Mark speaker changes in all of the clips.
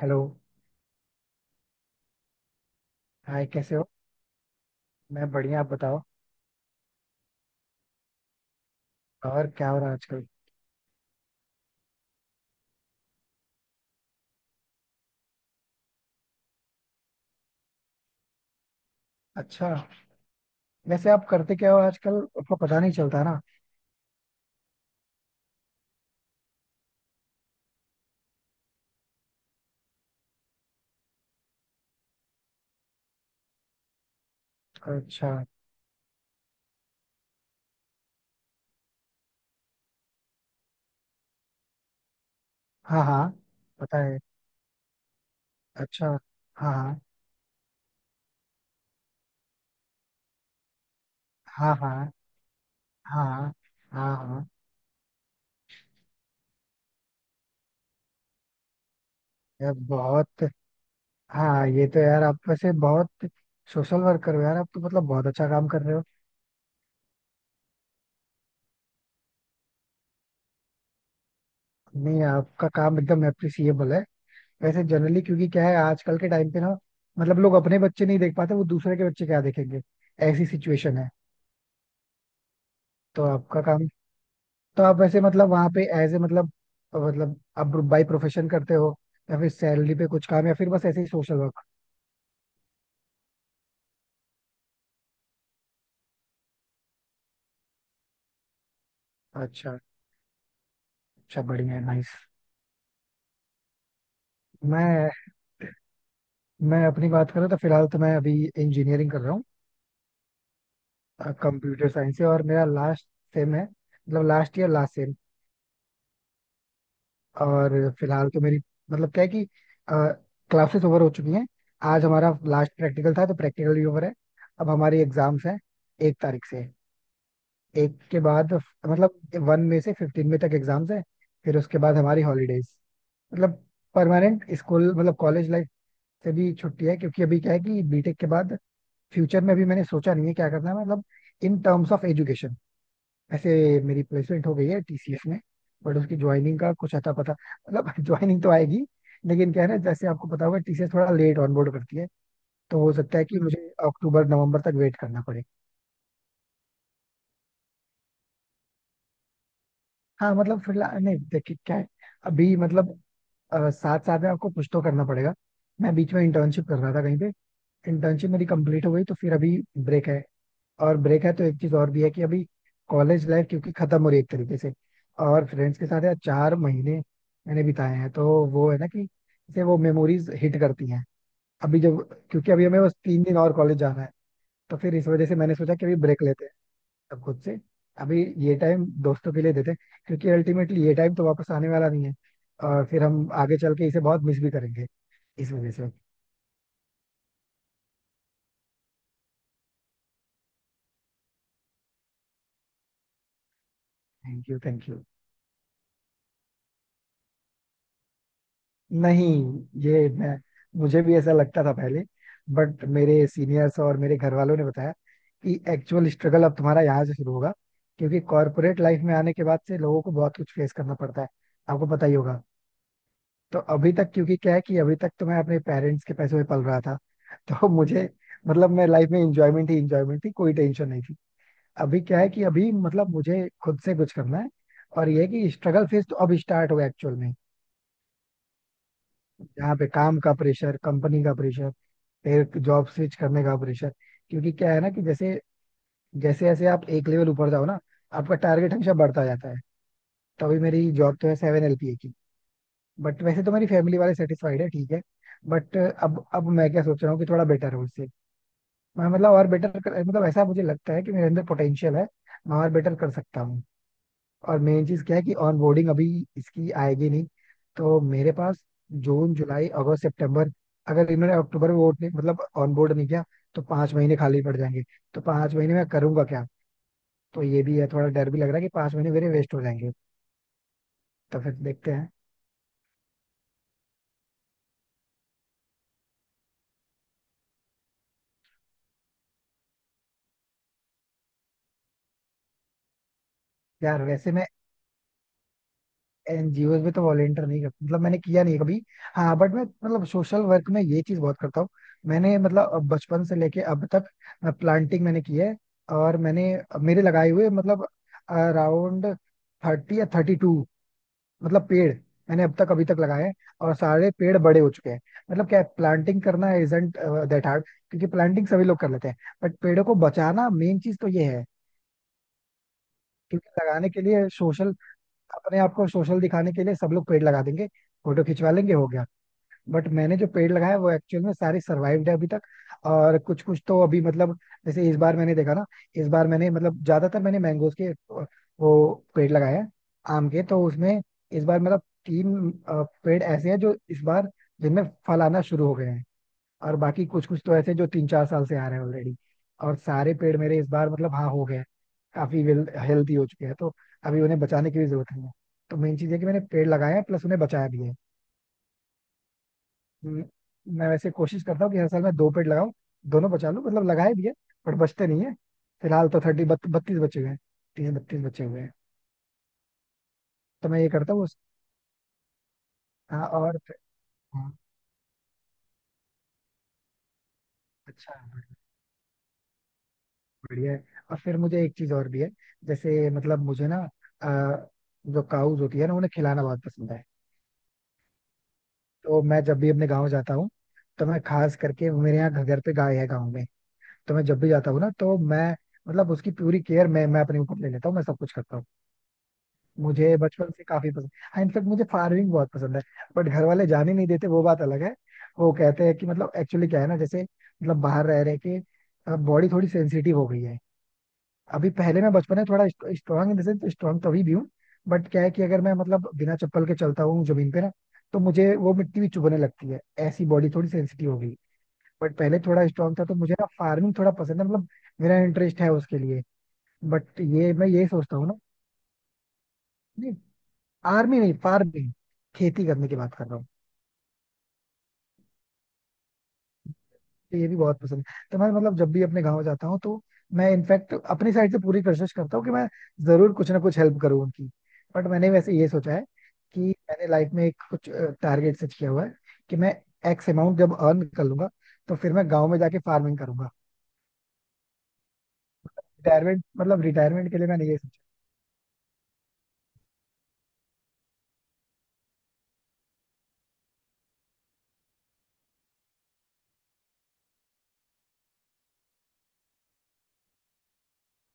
Speaker 1: Hello. Hi, कैसे हो? मैं बढ़िया। आप बताओ। और क्या हो रहा है आजकल? अच्छा। वैसे आप करते क्या हो आजकल? आपको पता नहीं चलता ना। अच्छा। हाँ, हाँ, पता है। अच्छा। हाँ हाँ, हाँ। हाँ, हाँ। हाँ, हाँ। यार बहुत हाँ, ये तो यार आप वैसे बहुत सोशल वर्क कर रहे हो यार। आप तो मतलब बहुत अच्छा काम कर रहे हो। नहीं, आपका काम एकदम अप्रिसिएबल है। वैसे जनरली, क्योंकि क्या है, आजकल के टाइम पे ना, मतलब लोग अपने बच्चे नहीं देख पाते, वो दूसरे के बच्चे क्या देखेंगे। ऐसी सिचुएशन है। तो आपका काम तो आप वैसे मतलब वहां पे एज ए मतलब आप बाई प्रोफेशन करते हो, या फिर सैलरी पे कुछ काम, या फिर बस ऐसे ही सोशल वर्क? अच्छा। अच्छा, बढ़िया है। नाइस। मैं मैं अपनी बात करूँ तो फिलहाल तो मैं अभी इंजीनियरिंग कर रहा हूँ कंप्यूटर साइंस से। और मेरा लास्ट सेम है, मतलब लास्ट ईयर, लास्ट सेम। और फिलहाल तो मेरी, मतलब क्या है कि क्लासेस ओवर हो चुकी हैं। आज हमारा लास्ट प्रैक्टिकल था, तो प्रैक्टिकल भी ओवर है। अब हमारी एग्जाम्स हैं 1 तारीख से, एक के बाद। मतलब 1 में से 15 में तक एग्जाम्स है। फिर उसके बाद हमारी हॉलीडेज, मतलब परमानेंट स्कूल मतलब कॉलेज लाइफ से भी छुट्टी है, क्योंकि अभी क्या है कि बीटेक के बाद फ्यूचर में भी मैंने सोचा नहीं है क्या करना है, मतलब इन टर्म्स ऑफ एजुकेशन, ऐसे। मेरी प्लेसमेंट हो गई है टीसीएस में, बट उसकी ज्वाइनिंग का कुछ अता पता, मतलब ज्वाइनिंग तो आएगी, लेकिन क्या है ना, जैसे आपको पता होगा, टीसीएस थोड़ा लेट ऑनबोर्ड करती है। तो हो सकता है कि मुझे अक्टूबर नवंबर तक वेट करना पड़े। हाँ, मतलब फिलहाल नहीं। देखिए क्या है, अभी मतलब, साथ साथ में आपको कुछ तो करना पड़ेगा। मैं बीच में इंटर्नशिप कर रहा था कहीं पे। इंटर्नशिप मेरी कंप्लीट हो गई, तो फिर अभी ब्रेक है। और ब्रेक है तो एक चीज और भी है कि अभी कॉलेज लाइफ क्योंकि खत्म हो रही है एक तरीके से, और फ्रेंड्स के साथ यार 4 महीने मैंने बिताए हैं, तो वो है ना कि जैसे वो मेमोरीज हिट करती हैं अभी जब, क्योंकि अभी हमें बस 3 दिन और कॉलेज जाना है। तो फिर इस वजह से मैंने सोचा कि अभी ब्रेक लेते हैं, अब खुद से। अभी ये टाइम दोस्तों के लिए देते हैं, क्योंकि अल्टीमेटली ये टाइम तो वापस आने वाला नहीं है, और फिर हम आगे चल के इसे बहुत मिस भी करेंगे, इस वजह से। Thank you, thank you. नहीं, ये मैं मुझे भी ऐसा लगता था पहले, बट मेरे सीनियर्स और मेरे घर वालों ने बताया कि एक्चुअल स्ट्रगल अब तुम्हारा यहाँ से शुरू होगा, क्योंकि कॉर्पोरेट लाइफ में आने के बाद से लोगों को बहुत कुछ फेस करना पड़ता है। आपको पता ही होगा। तो अभी तक, क्योंकि क्या है कि अभी तक तो मैं अपने पेरेंट्स के पैसों में पल रहा था, तो मुझे, मतलब मैं लाइफ में इंजॉयमेंट ही इंजॉयमेंट थी, कोई टेंशन नहीं थी। अभी क्या है कि अभी मतलब मुझे खुद से कुछ करना है, और ये है कि स्ट्रगल फेज तो अब स्टार्ट हुआ एक्चुअल में, जहाँ पे काम का प्रेशर, कंपनी का प्रेशर, फिर जॉब स्विच करने का प्रेशर। क्योंकि क्या है ना कि जैसे जैसे जैसे आप एक लेवल ऊपर जाओ ना, आपका टारगेट हमेशा बढ़ता जाता है। तो अभी मेरी जॉब तो है 7 LPA की, बट वैसे तो मेरी फैमिली वाले सेटिस्फाइड है, ठीक है। बट अब मैं क्या सोच रहा हूँ कि थोड़ा बेटर हो इससे, मैं मतलब और बेटर कर, मतलब ऐसा मुझे लगता है कि मेरे अंदर पोटेंशियल है, मैं और बेटर कर सकता हूँ। और मेन चीज क्या है कि ऑन बोर्डिंग अभी इसकी आएगी नहीं। तो मेरे पास जून, जुलाई, अगस्त, सितंबर, अगर इन्होंने अक्टूबर में वोट नहीं, मतलब ऑन बोर्ड नहीं किया, तो 5 महीने खाली पड़ जाएंगे। तो पांच महीने में करूंगा क्या? तो ये भी है, थोड़ा डर भी लग रहा है कि 5 महीने मेरे वेस्ट हो जाएंगे। तो फिर देखते हैं। यार वैसे मैं एनजीओ में तो वॉलेंटियर नहीं करता, मतलब मैंने किया नहीं है कभी। हाँ बट मैं मतलब सोशल वर्क में ये चीज बहुत करता हूँ। मैंने मतलब, अब बचपन से लेके अब तक प्लांटिंग मैंने की है। और मैंने, मेरे लगाए हुए, मतलब अराउंड 30 या 32, मतलब पेड़ मैंने अब तक अभी तक लगाए हैं, और सारे पेड़ बड़े हो चुके हैं। मतलब क्या, प्लांटिंग करना इजंट दैट हार्ड, क्योंकि प्लांटिंग सभी लोग कर लेते हैं, बट पेड़ों को बचाना मेन चीज तो ये है। क्योंकि लगाने के लिए सोशल, अपने आप को सोशल दिखाने के लिए सब लोग पेड़ लगा देंगे, फोटो खिंचवा लेंगे, हो गया। बट मैंने जो पेड़ लगाया वो एक्चुअल में सारे सर्वाइव्ड है अभी तक। और कुछ कुछ तो अभी मतलब, जैसे इस बार मैंने देखा ना, इस बार मैंने मतलब ज्यादातर मैंने मैंगोज के, वो पेड़ लगाए हैं, आम के। तो उसमें इस बार मतलब 3 पेड़ ऐसे हैं जो इस बार, जिनमें फल आना शुरू हो गए हैं। और बाकी कुछ कुछ तो ऐसे जो 3-4 साल से आ रहे हैं ऑलरेडी, और सारे पेड़ मेरे इस बार मतलब हाँ हो गए हैं। काफी वेल हेल्दी हो चुके हैं, तो अभी उन्हें बचाने की भी जरूरत नहीं है। तो मेन चीज है कि मैंने पेड़ लगाए हैं, प्लस उन्हें बचाया भी है। म- मैं वैसे कोशिश करता हूँ कि हर साल मैं 2 पेड़ लगाऊं, दोनों बचा लूं, मतलब लगाए भी है, बट बचते नहीं है। फिलहाल तो 30 32 बचे हुए हैं, 30-32 बचे हुए हैं। तो मैं ये करता हूँ। हाँ। और हाँ। अच्छा, बढ़िया है। और फिर मुझे एक चीज और भी है, जैसे मतलब मुझे ना, अ, जो काउज होती है ना उन्हें खिलाना बहुत पसंद है। तो मैं जब भी अपने गाँव जाता हूँ तो मैं खास करके, मेरे यहाँ घर पे गाय है गाँव में, तो मैं जब भी जाता हूँ ना, तो मैं मतलब उसकी पूरी केयर मैं अपने ऊपर ले लेता हूँ, मैं सब कुछ करता हूँ। मुझे बचपन से काफी पसंद, हाँ इनफेक्ट मुझे फार्मिंग बहुत पसंद है, बट घर वाले जाने नहीं देते, वो बात अलग है। वो कहते हैं कि मतलब एक्चुअली क्या है ना, जैसे मतलब बाहर रह रहे के, बॉडी थोड़ी सेंसिटिव हो गई है। अभी पहले मैं बचपन में थोड़ा स्ट्रांग इन द स्ट्रांग, तो अभी भी हूँ, बट क्या है कि अगर मैं मतलब बिना चप्पल के चलता हूँ जमीन पे ना, तो मुझे वो मिट्टी भी चुभने लगती है। ऐसी बॉडी थोड़ी सेंसिटिव हो गई, बट पहले थोड़ा स्ट्रांग था, तो मुझे ना फार्मिंग थोड़ा पसंद है, मतलब मेरा इंटरेस्ट है उसके लिए। बट ये मैं यही सोचता हूँ ना। नहीं, आर्मी नहीं, फार्मिंग, खेती करने की बात कर रहा हूँ। ये भी बहुत पसंद है, तो मैं मतलब जब भी अपने गाँव जाता हूँ, तो मैं इनफैक्ट अपनी साइड से पूरी कोशिश करता हूँ कि मैं जरूर कुछ ना कुछ हेल्प करूँ उनकी। बट मैंने वैसे ये सोचा है कि मैंने लाइफ में एक कुछ टारगेट सेट किया हुआ है कि मैं एक्स अमाउंट जब अर्न कर लूंगा, तो फिर मैं गाँव में जाके फार्मिंग करूंगा। रिटायरमेंट, मतलब रिटायरमेंट के लिए मैंने ये सोचा।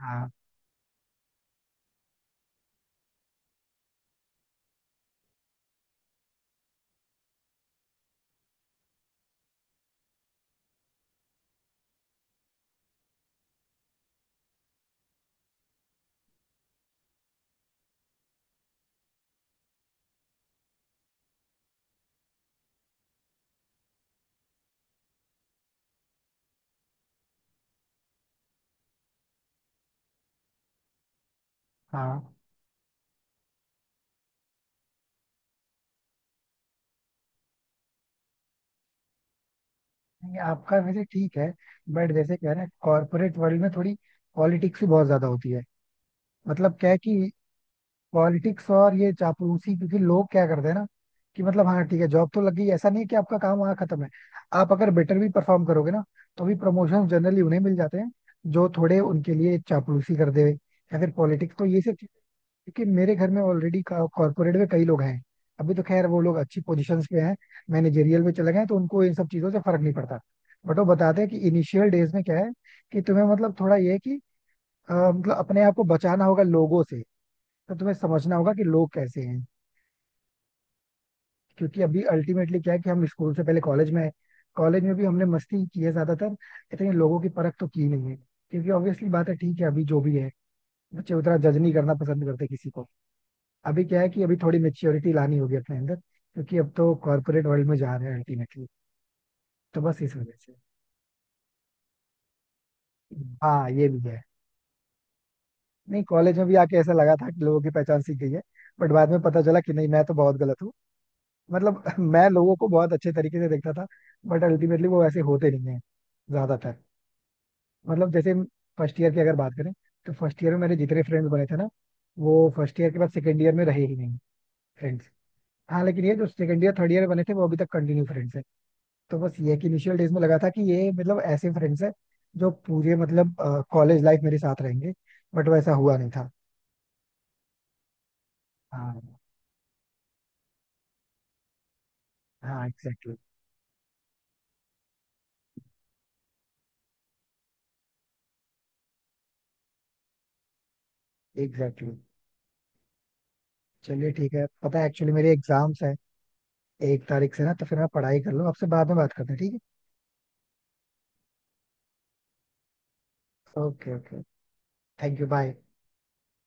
Speaker 1: हाँ, हाँ। नहीं, आपका वैसे ठीक है, बट जैसे कह रहे हैं कॉर्पोरेट वर्ल्ड में थोड़ी पॉलिटिक्स भी बहुत ज्यादा होती है। मतलब क्या है कि पॉलिटिक्स और ये चापलूसी, क्योंकि लोग क्या करते हैं ना, कि मतलब हाँ ठीक है जॉब तो लग गई, ऐसा नहीं है कि आपका काम वहाँ खत्म है। आप अगर बेटर भी परफॉर्म करोगे ना, तो भी प्रमोशन जनरली उन्हें मिल जाते हैं जो थोड़े उनके लिए चापलूसी करते हुए या फिर पॉलिटिक्स, तो ये सब चीजें। क्योंकि मेरे घर में ऑलरेडी कॉर्पोरेट में कई लोग हैं, अभी तो खैर वो लोग अच्छी पोजीशंस पे हैं, मैनेजेरियल में चले गए हैं, तो उनको इन सब चीजों से फर्क नहीं पड़ता। बट वो बताते हैं कि इनिशियल डेज में क्या है, कि तुम्हें मतलब थोड़ा ये है कि, मतलब अपने आप को बचाना होगा लोगों से, तो तुम्हें समझना होगा कि लोग कैसे हैं। क्योंकि अभी अल्टीमेटली क्या है कि हम स्कूल से पहले कॉलेज में आए, कॉलेज में भी हमने मस्ती ही की है ज्यादातर, इतनी लोगों की परख तो की नहीं है, क्योंकि ऑब्वियसली बात है, ठीक है अभी जो भी है, बच्चे उतना जज नहीं करना पसंद करते किसी को। अभी क्या है कि अभी थोड़ी मेच्योरिटी लानी होगी अपने अंदर, क्योंकि अब तो कॉर्पोरेट वर्ल्ड में जा रहे हैं अल्टीमेटली, तो बस इस वजह से। हाँ, ये भी है। नहीं, कॉलेज में भी आके ऐसा लगा था कि लोगों की पहचान सीख गई है, बट बाद में पता चला कि नहीं, मैं तो बहुत गलत हूँ। मतलब मैं लोगों को बहुत अच्छे तरीके से देखता था, बट अल्टीमेटली वो वैसे होते नहीं है ज्यादातर। मतलब जैसे, फर्स्ट ईयर की अगर बात करें, तो फर्स्ट ईयर में मेरे जितने फ्रेंड्स बने थे ना, वो फर्स्ट ईयर के बाद सेकेंड ईयर में रहे ही नहीं, फ्रेंड्स। हाँ लेकिन ये जो सेकेंड ईयर थर्ड ईयर बने थे वो अभी तक कंटिन्यू फ्रेंड्स है। तो बस ये है कि इनिशियल डेज में लगा था कि ये मतलब ऐसे फ्रेंड्स है जो पूरे मतलब कॉलेज लाइफ मेरे साथ रहेंगे, बट वैसा हुआ नहीं था। हाँ, हाँ। Exactly, exactly. चलिए ठीक है, पता है एक्चुअली मेरे एग्जाम्स हैं एक तारीख से ना, तो फिर आप पढ़ाई कर लो, आपसे बाद में बात करते हैं, ठीक है। Okay, okay. Thank you, bye.